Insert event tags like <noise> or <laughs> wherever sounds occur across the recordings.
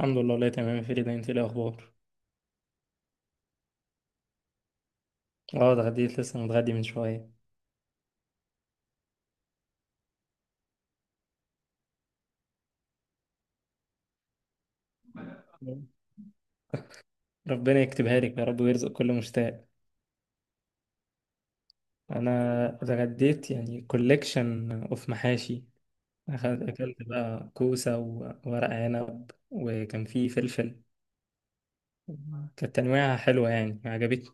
الحمد لله، والله تمام يا فريدة. انت ايه الاخبار؟ اه ده عديت، لسه متغدي من شويه. ربنا يكتبها لك يا رب ويرزق كل مشتاق. انا اتغديت يعني كوليكشن اوف محاشي. اكلت بقى كوسه وورق عنب وكان فيه فلفل. كانت تنويعها حلوه يعني عجبتني.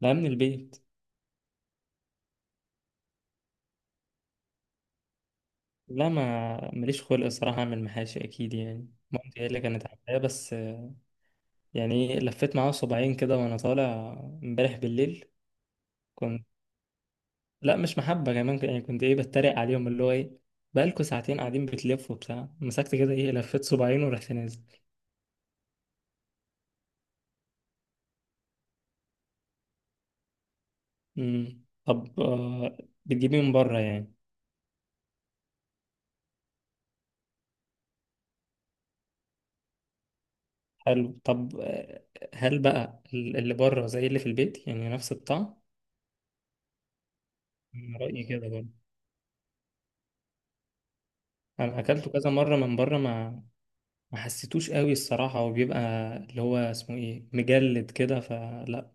لا، من البيت. لا، ما ماليش خلق الصراحه اعمل محاشي اكيد، يعني مامتي هي اللي كانت عاملاه، بس يعني إيه، لفيت معاها صباعين كده وانا طالع امبارح بالليل. لا، مش محبة كمان، يعني كنت ايه بتريق عليهم، اللي هو ايه، بقالكوا ساعتين قاعدين بتلفوا بتاع، مسكت كده ايه لفيت صباعين ورحت نازل. طب آه، بتجيبيه من بره يعني؟ حلو. طب آه، هل بقى اللي بره زي اللي في البيت يعني؟ نفس الطعم؟ من رأيي كده برضه. انا اكلته كذا مرة من بره، ما حسيتوش قوي الصراحة، وبيبقى اللي هو اسمه ايه، مجلد كده، فلا.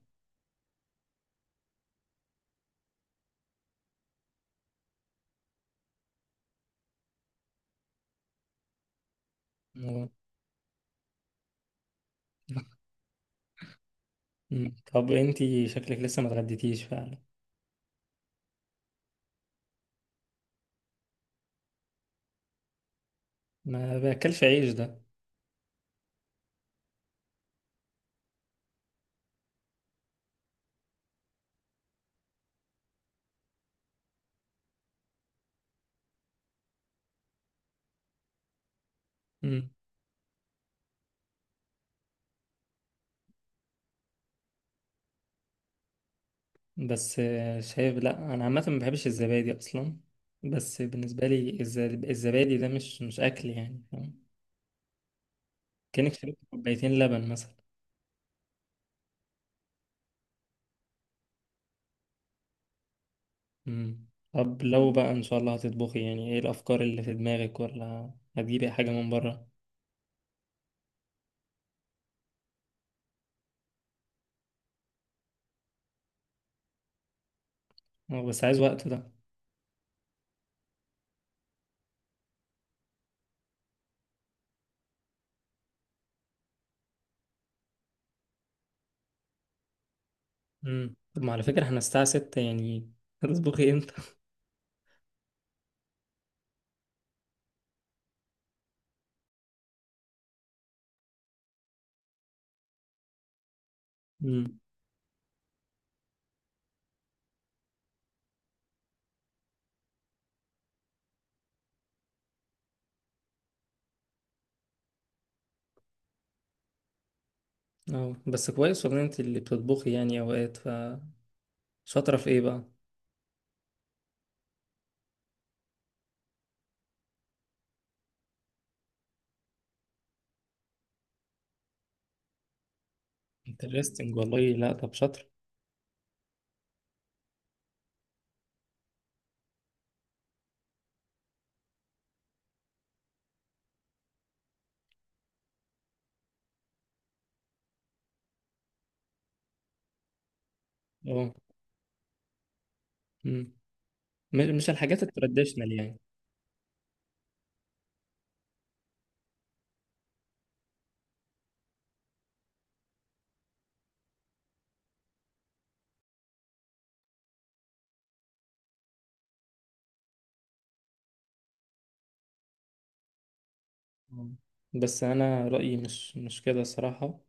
مم. <laughs> مم. طب انتي شكلك لسه ما اتغديتيش فعلا؟ ما باكلش عيش، ده بس آه، شايف، لا انا عامه ما بحبش الزبادي اصلا، بس بالنسبه لي الزبادي ده مش مش اكل يعني، فاهم؟ كانك شربت كوبايتين لبن مثلا. مم. طب لو بقى ان شاء الله هتطبخي، يعني ايه الافكار اللي في دماغك؟ ولا هتجيبي حاجه من بره؟ أه، بس عايز وقت ده. مم. طب ما على فكره احنا الساعه 6 يعني، هتطبخي امتى؟ مم. اه بس كويس والله، انت اللي بتطبخي يعني اوقات، فشاطره في ايه بقى؟ انترستنج والله. لا طب شاطره. اه مش الحاجات التراديشنال يعني؟ مم. بس انا رأيي مش مش كده الصراحة،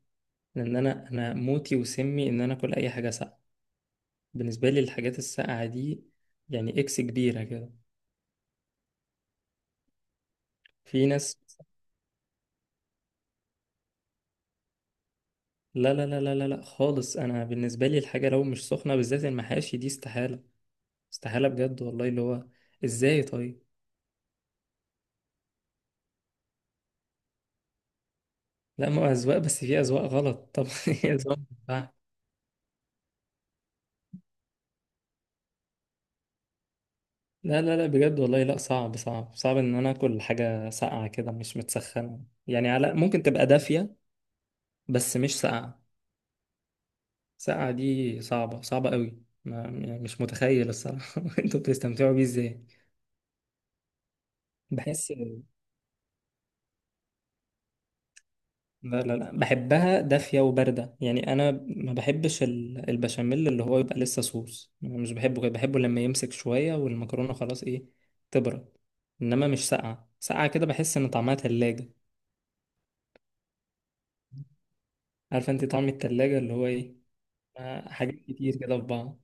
لان انا موتي وسمي ان انا اكل اي حاجة ساقعة. بالنسبة لي الحاجات الساقعة دي يعني اكس كبيرة كده. في ناس. لا لا لا لا لا لا، خالص. انا بالنسبة لي الحاجة لو مش سخنة، بالذات المحاشي دي استحالة، استحالة بجد والله. اللي هو ازاي طيب؟ لا ما هو اذواق، بس في اذواق غلط. طب <laughs> ايه اذواق؟ لا لا لا بجد والله، لا صعب صعب صعب ان انا اكل حاجه ساقعه كده مش متسخنه يعني، على ممكن تبقى دافيه بس مش ساقعه. ساقعه دي صعبه صعبه قوي ما يعني، مش متخيل الصراحه. <laughs> انتوا بتستمتعوا بيه ازاي؟ بحس، لا لا لا، بحبها دافيه وبارده يعني. انا ما بحبش البشاميل اللي هو يبقى لسه صوص، أنا مش بحبه كده، بحبه لما يمسك شويه والمكرونه خلاص ايه تبرد، انما مش ساقعه ساقعه كده. بحس ان طعمها تلاجة. عارفه انت طعم التلاجة اللي هو ايه؟ مع حاجات كتير كده في بعض.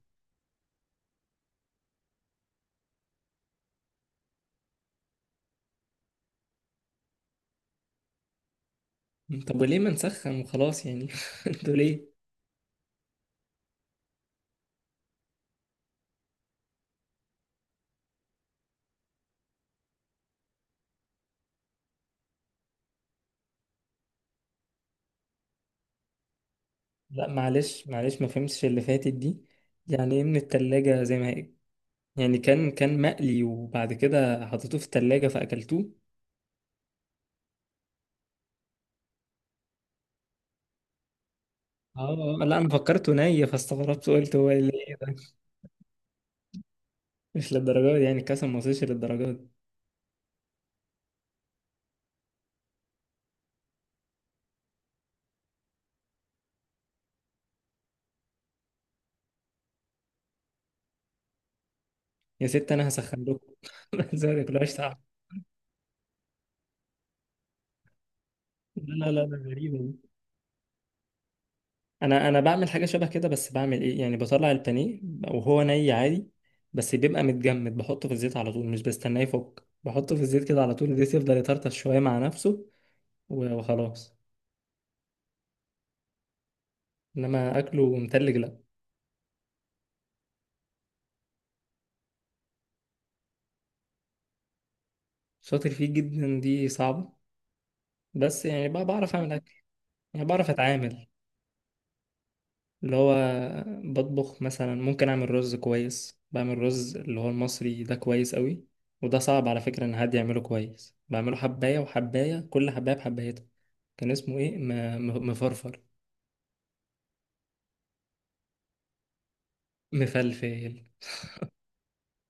طب وليه ما نسخن وخلاص يعني؟ <laughs> انتوا ليه؟ لا معلش معلش، ما فهمتش اللي فاتت دي. يعني ايه من التلاجة زي ما هي؟ يعني كان مقلي وبعد كده حطيتوه في التلاجة فأكلتوه؟ اه لا انا فكرته ني، فاستغربت قلت هو اللي ايه ده، مش للدرجة دي يعني، الكاسة ما وصلش للدرجة دي. يا ست انا هسخن لكم، <laughs> زي ما تاكلوهاش تعب. لا لا لا ده غريبة دي. انا بعمل حاجه شبه كده، بس بعمل ايه يعني، بطلع البانيه وهو ني عادي، بس بيبقى متجمد بحطه في الزيت على طول، مش بستناه يفك، بحطه في الزيت كده على طول، الزيت يفضل يطرطش شويه مع نفسه وخلاص، انما اكله متلج لا. شاطر فيه جدا دي صعبه، بس يعني بقى بعرف اعمل اكل، يعني بعرف اتعامل. اللي هو بطبخ مثلا، ممكن اعمل رز كويس. بعمل رز اللي هو المصري ده كويس قوي، وده صعب على فكره ان حد يعمله كويس. بعمله حبايه وحبايه، كل حبايه بحبايتها. كان اسمه ايه مفرفر؟ مفلفل.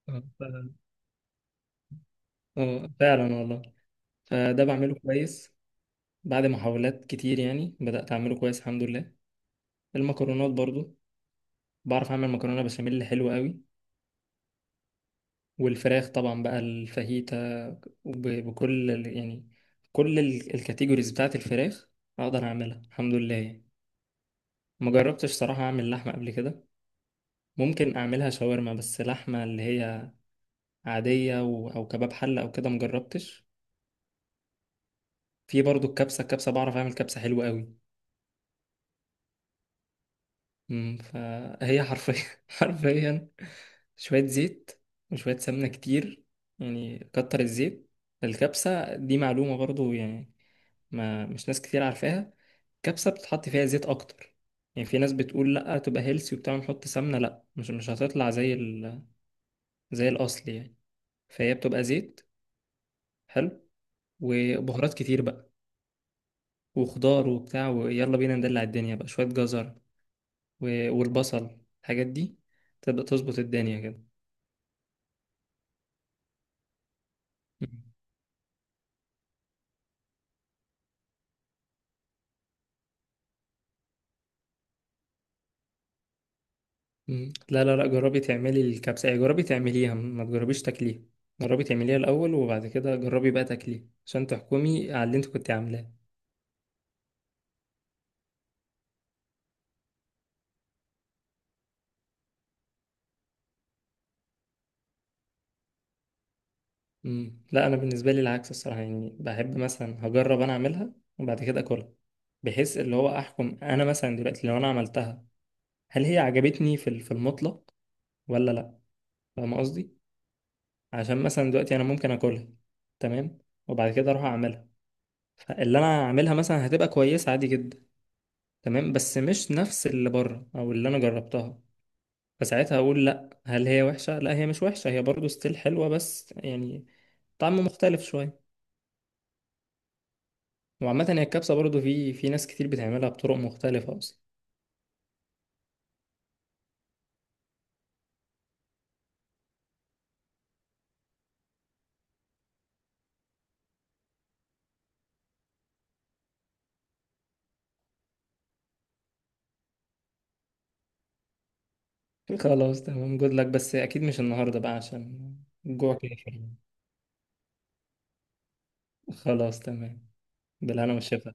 اه ف- آه، فعلا والله. فده بعمله كويس، بعد محاولات كتير يعني بدأت أعمله كويس الحمد لله. المكرونات برضو، بعرف أعمل مكرونة بشاميل حلوة قوي. والفراخ طبعا بقى، الفاهيتا، يعني كل الكاتيجوريز بتاعت الفراخ أقدر أعملها الحمد لله يعني. ما جربتش صراحة أعمل لحمة قبل كده. ممكن أعملها شاورما، بس لحمة اللي هي عادية أو كباب حلة أو كده مجربتش. في برضو الكبسة، الكبسة بعرف أعمل كبسة حلوة قوي. أمم، فهي حرفيا، <laughs> حرفيا شوية زيت وشوية سمنة كتير. يعني كتر الزيت، الكبسة دي معلومة برضو يعني، ما مش ناس كتير عارفاها. الكبسة بتتحط فيها زيت أكتر يعني. في ناس بتقول لأ تبقى هيلسي وبتاع نحط سمنة، لأ مش مش هتطلع زي ال... زي الأصل يعني. فهي بتبقى زيت حلو، وبهارات كتير بقى وخضار وبتاع، ويلا بينا ندلع الدنيا بقى، شوية جزر والبصل، الحاجات دي تبدأ تظبط الدنيا كده. مم. مم. لا لا لا، جربي تعملي الكبسة. يعني جربي تعمليها، ما تجربيش تاكليها. جربي تعمليها الأول وبعد كده جربي بقى تاكليها، عشان تحكمي على اللي انت كنت عاملاه. مم. لا أنا بالنسبة لي العكس الصراحة، يعني بحب مثلا هجرب أنا أعملها وبعد كده أكلها، بحيث اللي هو أحكم. أنا مثلا دلوقتي لو أنا عملتها، هل هي عجبتني في المطلق ولا لأ؟ فاهم قصدي؟ عشان مثلا دلوقتي أنا ممكن أكلها تمام، وبعد كده أروح أعملها، اللي انا هعملها مثلا هتبقى كويسه عادي جدا تمام، بس مش نفس اللي بره او اللي انا جربتها. فساعتها اقول لا، هل هي وحشه؟ لا هي مش وحشه، هي برضو ستيل حلوه بس يعني طعم مختلف شويه. وعامه هي الكبسه برضو، في في ناس كتير بتعملها بطرق مختلفه اصلا. خلاص تمام، جود لك، بس اكيد مش النهارده بقى، عشان الجوع كافر يعني. خلاص تمام. بالهنا والشفا.